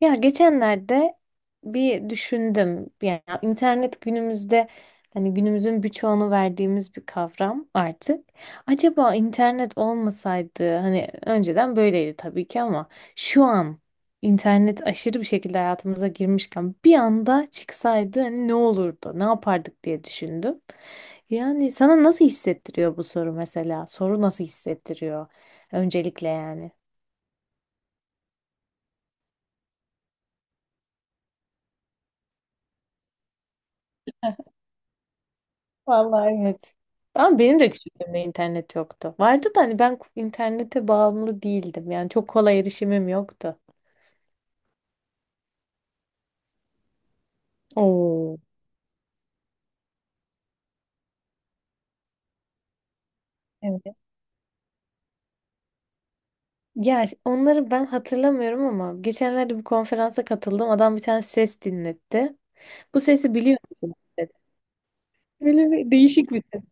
Ya geçenlerde bir düşündüm. Yani internet günümüzde hani günümüzün birçoğunu verdiğimiz bir kavram artık. Acaba internet olmasaydı hani önceden böyleydi tabii ki ama şu an internet aşırı bir şekilde hayatımıza girmişken bir anda çıksaydı hani ne olurdu? Ne yapardık diye düşündüm. Yani sana nasıl hissettiriyor bu soru mesela? Soru nasıl hissettiriyor öncelikle yani? Vallahi evet. Ama benim de küçüklüğümde internet yoktu. Vardı da hani ben internete bağımlı değildim. Yani çok kolay erişimim yoktu. Oo. Evet. Ya onları ben hatırlamıyorum ama geçenlerde bir konferansa katıldım. Adam bir tane ses dinletti. Bu sesi biliyor musun, dedi. Böyle bir değişik bir ses.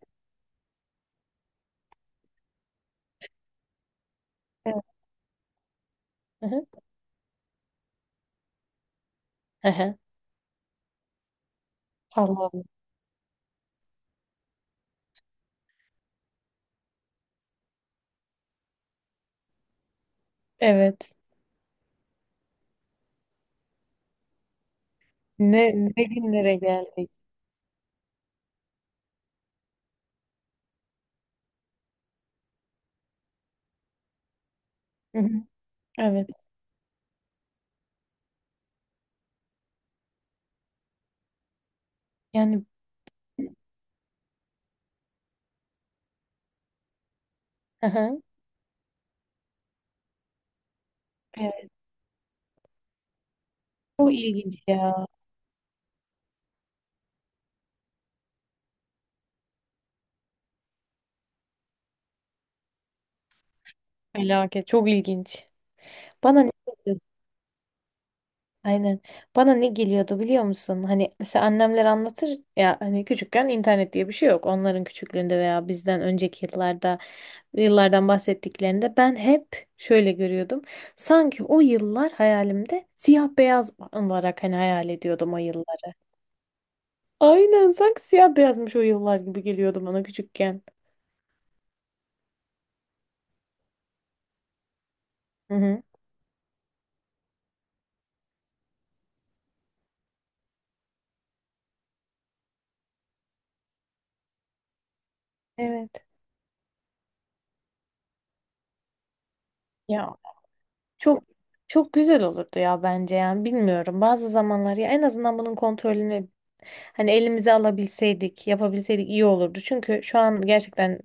Evet. Hı hı. Hı hı. Allah'ım. Evet. Ne, ne günlere geldik. Hı hı. Evet. Yani hı hı. Evet. Çok ilginç ya. Felaket. Çok ilginç. Bana ne? Aynen. Bana ne geliyordu biliyor musun? Hani mesela annemler anlatır ya hani küçükken internet diye bir şey yok. Onların küçüklüğünde veya bizden önceki yıllardan bahsettiklerinde ben hep şöyle görüyordum. Sanki o yıllar hayalimde siyah beyaz olarak hani hayal ediyordum o yılları. Aynen sanki siyah beyazmış o yıllar gibi geliyordu bana küçükken. Hı hı. Evet. Ya, çok çok güzel olurdu ya bence, yani bilmiyorum, bazı zamanlar ya en azından bunun kontrolünü hani elimize alabilseydik, yapabilseydik iyi olurdu çünkü şu an gerçekten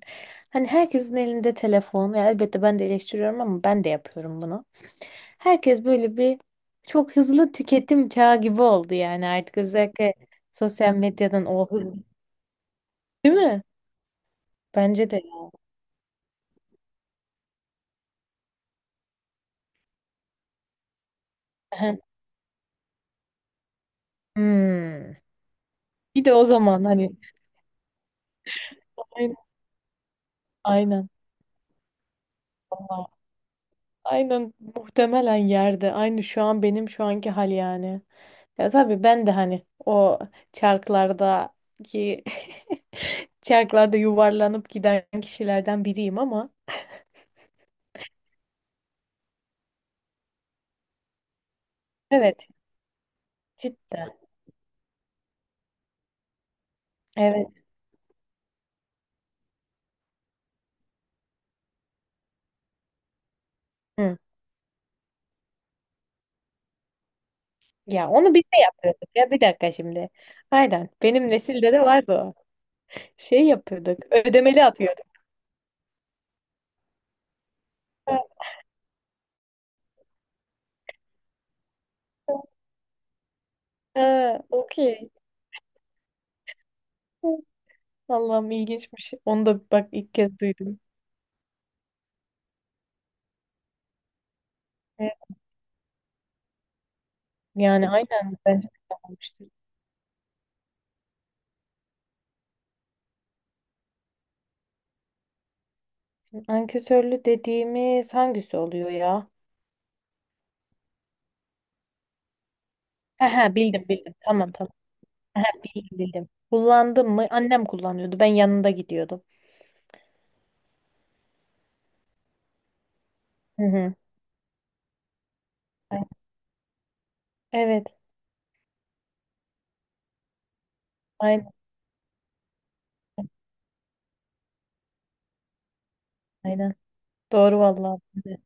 hani herkesin elinde telefon. Ya elbette ben de eleştiriyorum ama ben de yapıyorum bunu. Herkes böyle bir çok hızlı tüketim çağı gibi oldu yani artık, özellikle sosyal medyadan o hız, değil mi? Bence de. Hmm. Bir de o zaman hani, aynen aynen. Aynen muhtemelen yerde. Aynı şu an benim şu anki hal yani. Ya tabii ben de hani o çarklardaki çarklarda yuvarlanıp giden kişilerden biriyim ama evet, cidden. Evet. Hı. Ya onu biz de yapıyorduk ya, bir dakika şimdi. Aynen. Benim nesilde de vardı o. Şey yapıyorduk. Ödemeli atıyorduk. Ha, ha, okey. Hı. Allah'ım, ilginçmiş. Onu da bak ilk kez duydum. Evet. Yani aynen, bence de yapılmıştır. Ankesörlü dediğimiz hangisi oluyor ya? He he, bildim bildim. Tamam tamam. He, he, bildim bildim. Kullandım mı? Annem kullanıyordu. Ben yanında gidiyordum. Hı hı. Evet. Aynen aynen. Doğru vallahi. Ben de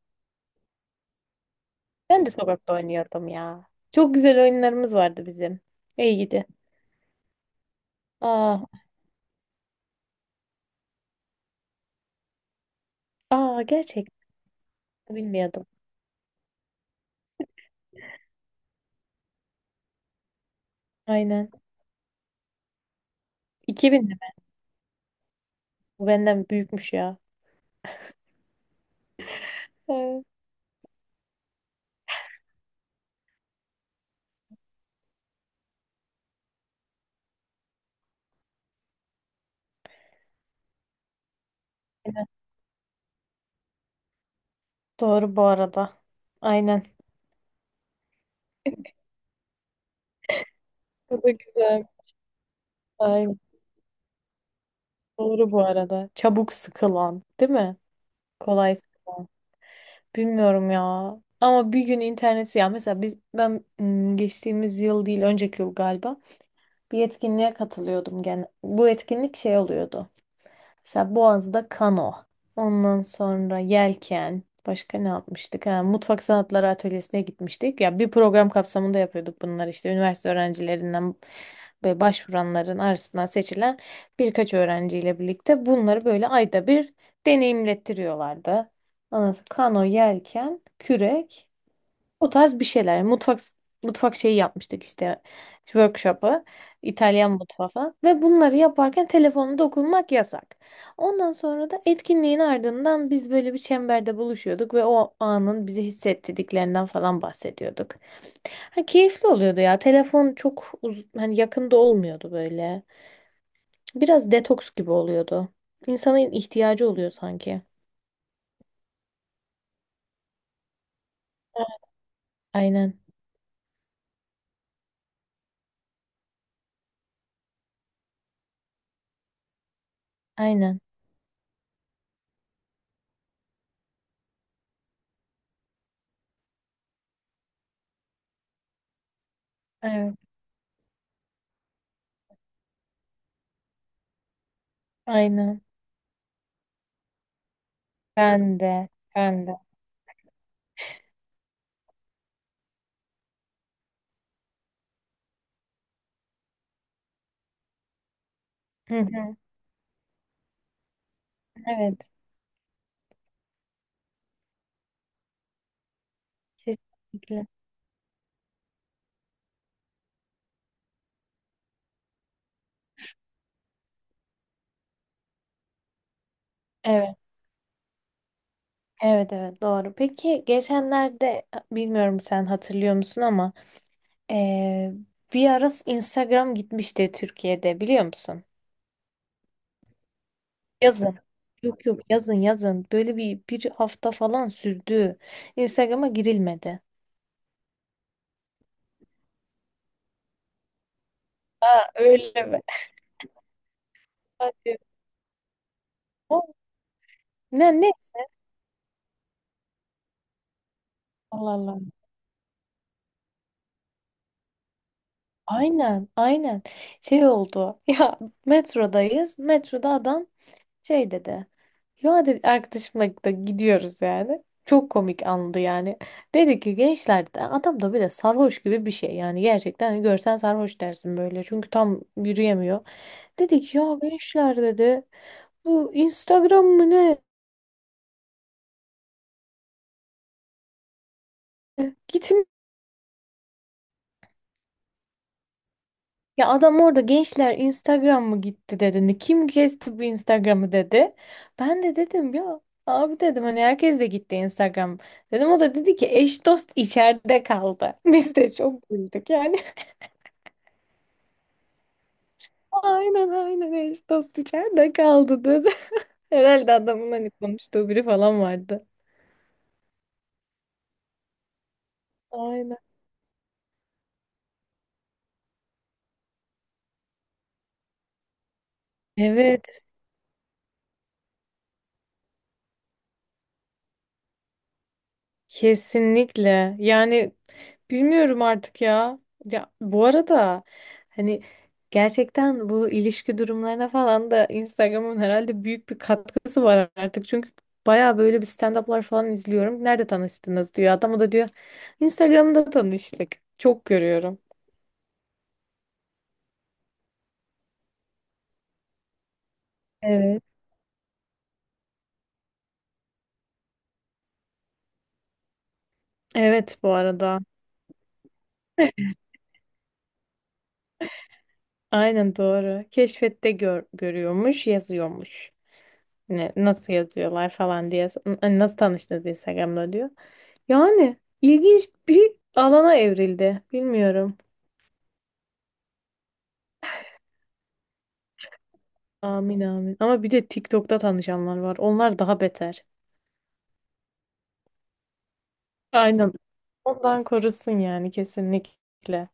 sokakta oynuyordum ya. Çok güzel oyunlarımız vardı bizim. İyi gidi. Aa, aa, gerçekten bilmiyordum. Aynen. 2000 mi? Bu benden büyükmüş ya. Evet. Aynen. Doğru bu arada. Aynen. Bu da güzel. Aynen. Doğru bu arada. Çabuk sıkılan, değil mi? Kolay. Bilmiyorum ya. Ama bir gün interneti, ya mesela biz geçtiğimiz yıl değil önceki yıl galiba bir etkinliğe katılıyordum gene. Bu etkinlik şey oluyordu. Mesela Boğaz'da kano. Ondan sonra yelken. Başka ne yapmıştık? Ha, mutfak sanatları atölyesine gitmiştik. Ya bir program kapsamında yapıyorduk bunları işte. Üniversite öğrencilerinden ve başvuranların arasından seçilen birkaç öğrenciyle birlikte bunları böyle ayda bir deneyimlettiriyorlardı. Ondan sonra kano, yelken, kürek. O tarz bir şeyler. Mutfak şeyi yapmıştık işte, workshop'ı. İtalyan mutfağı falan. Ve bunları yaparken telefonda dokunmak yasak. Ondan sonra da etkinliğin ardından biz böyle bir çemberde buluşuyorduk ve o anın bizi hissettirdiklerinden falan bahsediyorduk. Ha, keyifli oluyordu ya. Telefon çok hani yakında olmuyordu böyle. Biraz detoks gibi oluyordu. İnsanın ihtiyacı oluyor sanki. Aynen. Aynen. Evet. Aynen. Ben de. Ben de. Hı hı. Evet, kesinlikle. Evet, evet, evet, doğru. Peki geçenlerde, bilmiyorum sen hatırlıyor musun ama eee, bir ara Instagram gitmişti Türkiye'de, biliyor musun? Yazın. Yok yok, yazın yazın. Böyle bir hafta falan sürdü. Instagram'a girilmedi. Aa, öyle mi? Hadi. O, ne? Allah Allah. Aynen aynen. Şey oldu. Ya, metrodayız. Metroda adam şey dedi. Ya, dedi, arkadaşımla da gidiyoruz yani. Çok komik andı yani. Dedi ki gençler, dedi, adam da bir de sarhoş gibi bir şey yani, gerçekten hani görsen sarhoş dersin böyle, çünkü tam yürüyemiyor. Dedi ki ya gençler, dedi, bu Instagram mı ne? Gitme. Ya adam orada "gençler, Instagram mı gitti" dedi. Kim kesti bu Instagram'ı" dedi. Ben de dedim ya, abi dedim, hani herkes de gitti Instagram. Dedim, o da dedi ki eş dost içeride kaldı. Biz de çok güldük. Yani aynen aynen, eş dost içeride kaldı dedi. Herhalde adamın hani konuştuğu biri falan vardı. Aynen. Evet, kesinlikle. Yani bilmiyorum artık ya. Ya bu arada hani gerçekten bu ilişki durumlarına falan da Instagram'ın herhalde büyük bir katkısı var artık. Çünkü baya böyle bir stand-up'lar falan izliyorum. Nerede tanıştınız, diyor. Adam, o da diyor Instagram'da tanıştık. Çok görüyorum. Evet. Evet bu arada. Aynen, doğru. Keşfette görüyormuş, yazıyormuş. Nasıl yazıyorlar falan diye. Hani nasıl tanıştınız, Instagram'da diyor. Yani ilginç bir alana evrildi. Bilmiyorum. Amin amin. Ama bir de TikTok'ta tanışanlar var. Onlar daha beter. Aynen. Ondan korusun yani, kesinlikle.